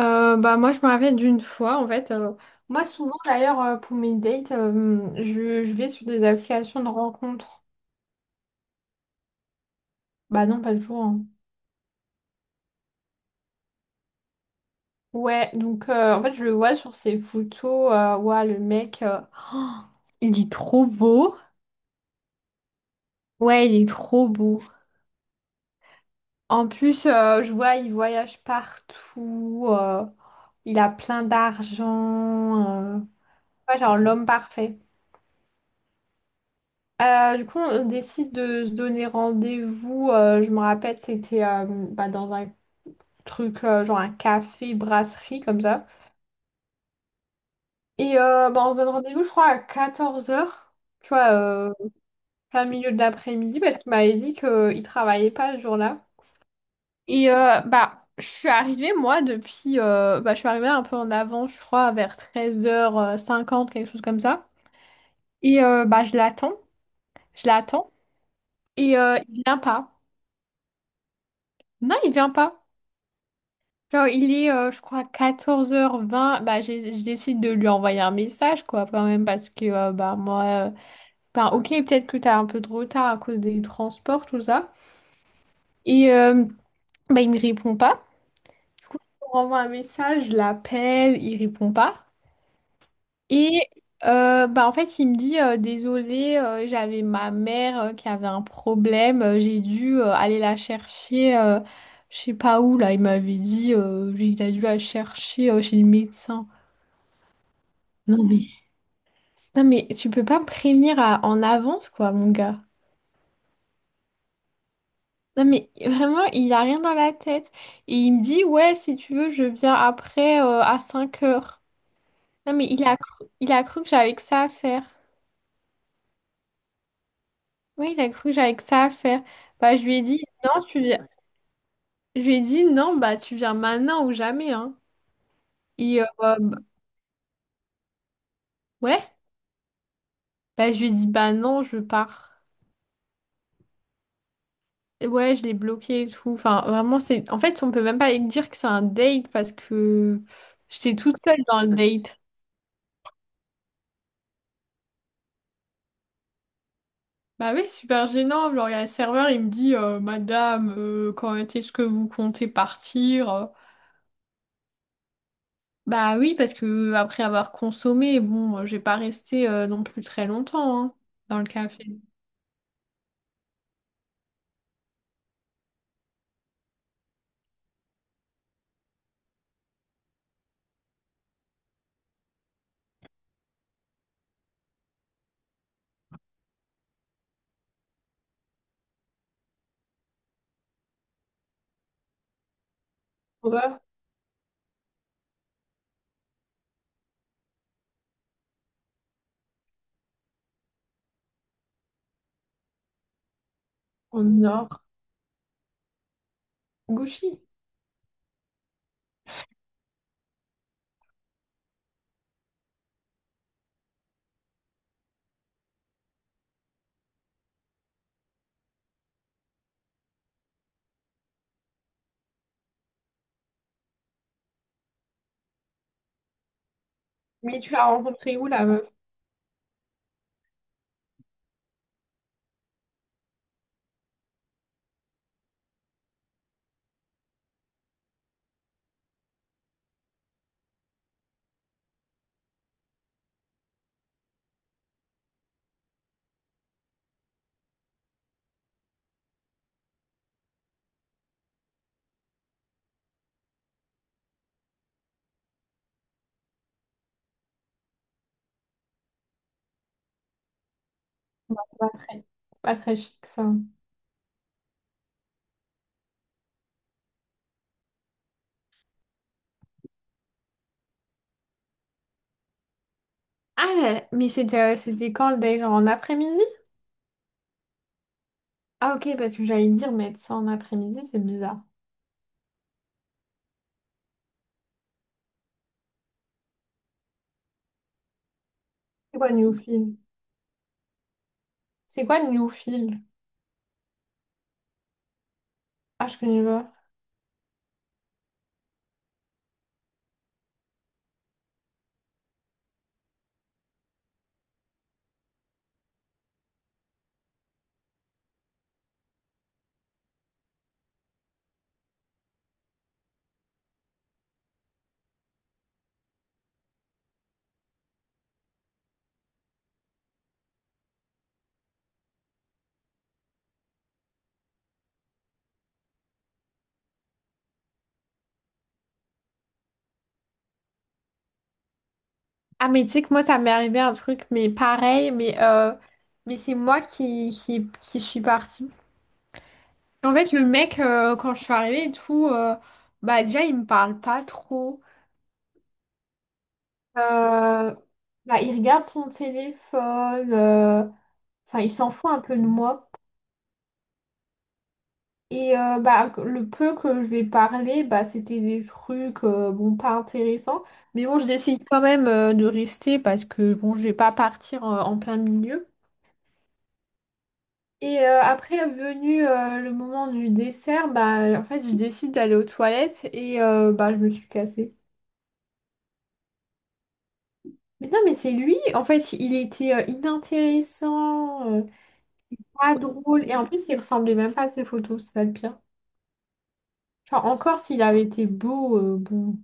Bah moi je me rappelle d'une fois en fait. Moi souvent d'ailleurs, pour mes dates, je vais sur des applications de rencontres. Bah non pas toujours hein. Ouais, donc en fait je le vois sur ses photos, ouais le mec, oh, il est trop beau. Ouais il est trop beau. En plus, je vois il voyage partout, il a plein d'argent, ouais, genre l'homme parfait. Du coup, on décide de se donner rendez-vous. Je me rappelle, c'était, bah, dans un truc, genre un café, brasserie, comme ça. Et bah, on se donne rendez-vous, je crois, à 14h, tu vois, plein milieu de l'après-midi, parce qu'il m'avait dit qu'il travaillait pas ce jour-là. Et bah, je suis arrivée, moi, bah, je suis arrivée un peu en avant, je crois, vers 13h50, quelque chose comme ça. Et bah, je l'attends, je l'attends. Et il vient pas. Non, il vient pas. Genre, il est, je crois, 14h20. Bah, je décide de lui envoyer un message, quoi, quand même, parce que, bah, moi, ben, ok, peut-être que t'as un peu de retard à cause des transports, tout ça. Et, bah, il me répond pas. Du coup, je lui renvoie un message, je l'appelle, il répond pas. Et, bah, en fait, il me dit, désolé, j'avais ma mère, qui avait un problème, j'ai dû, aller la chercher, je sais pas où, là, il m'avait dit, il a dû la chercher, chez le médecin. Non mais, non mais tu peux pas me prévenir en avance quoi mon gars. Non mais vraiment il a rien dans la tête. Et il me dit ouais si tu veux je viens après à 5h. Non mais il a cru que j'avais que ça à faire. Oui il a cru que j'avais que ça à faire. Bah je lui ai dit non tu viens. Je lui ai dit non bah tu viens maintenant ou jamais hein. Et ouais bah je lui ai dit bah non je pars. Ouais, je l'ai bloqué et tout. Enfin, vraiment, c'est. En fait, on peut même pas dire que c'est un date parce que pff, j'étais toute seule dans le date. Bah oui, super gênant. Genre, il y a le serveur, il me dit, Madame, quand est-ce que vous comptez partir? Bah oui, parce que après avoir consommé, bon, j'ai pas resté non plus très longtemps hein, dans le café. Sauveur, au nord, Gouchy. Mais tu l'as rencontré où la meuf? Pas très, pas très chic ça. Ah, mais c'était, c'était quand le date? Genre en après-midi? Ah ok, parce que j'allais dire mettre ça en après-midi, c'est bizarre. C'est quoi Newfield? C'est quoi Newfield? Ah, je connais pas. Ah, mais tu sais que moi, ça m'est arrivé un truc, mais pareil, mais c'est moi qui suis partie. En fait, le mec, quand je suis arrivée et tout, bah déjà, il me parle pas trop. Euh, Bah, il regarde son téléphone, enfin, il s'en fout un peu de moi. Et bah, le peu que je lui ai parlé, bah, c'était des trucs bon, pas intéressants. Mais bon, je décide quand même de rester parce que bon, je vais pas partir en plein milieu. Et après, venu le moment du dessert, bah, en fait, je décide d'aller aux toilettes et bah, je me suis cassée. Mais non, mais c'est lui, en fait, il était inintéressant, pas drôle. Et en plus, il ressemblait même pas à ses photos, c'est ça le pire. Genre, encore s'il avait été beau, bon,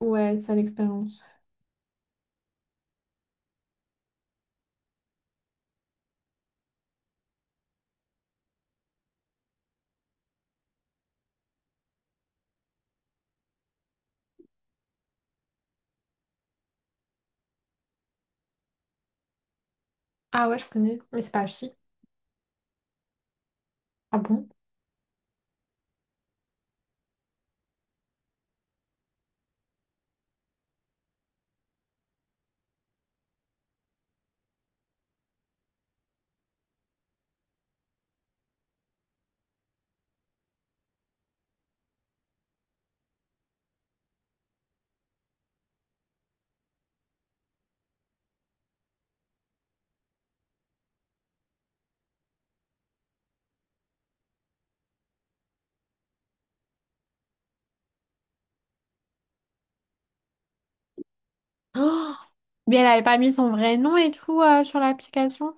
ouais, sale expérience. Ah ouais, je connais, mais c'est pas Ashley. Ah bon? Oh, mais elle avait pas mis son vrai nom et tout sur l'application.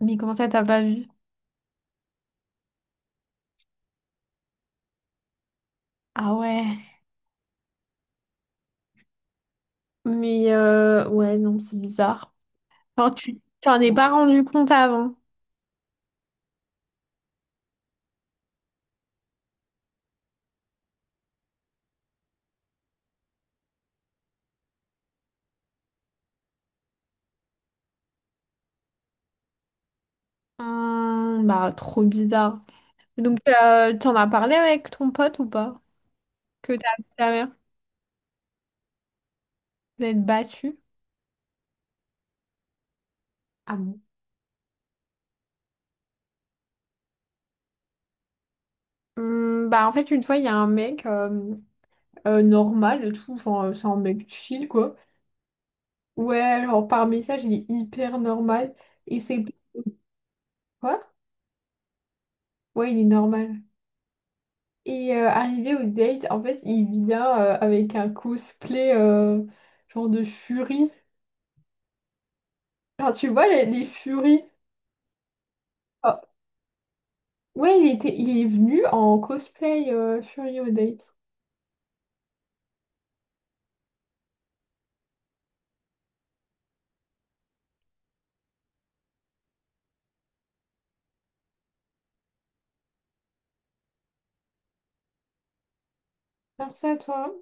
Mais comment ça, t'as pas vu? Ah ouais. Mais ouais, non, c'est bizarre. Enfin, tu t'en es pas rendu compte avant. Hmm, bah, trop bizarre. Donc, t'en as parlé avec ton pote ou pas? Que t'as vu ta mère? Vous êtes battu? Ah bon? Hmm, bah, en fait, une fois, il y a un mec normal et tout. Enfin, c'est un mec chill, quoi. Ouais, genre par message, il est hyper normal. Et c'est quoi? Ouais, il est normal. Et arrivé au date, en fait, il vient avec un cosplay, genre de furie. Genre, tu vois, les furies. Ah, ouais, il était, il est venu en cosplay, furie au date. Faire ça, toi.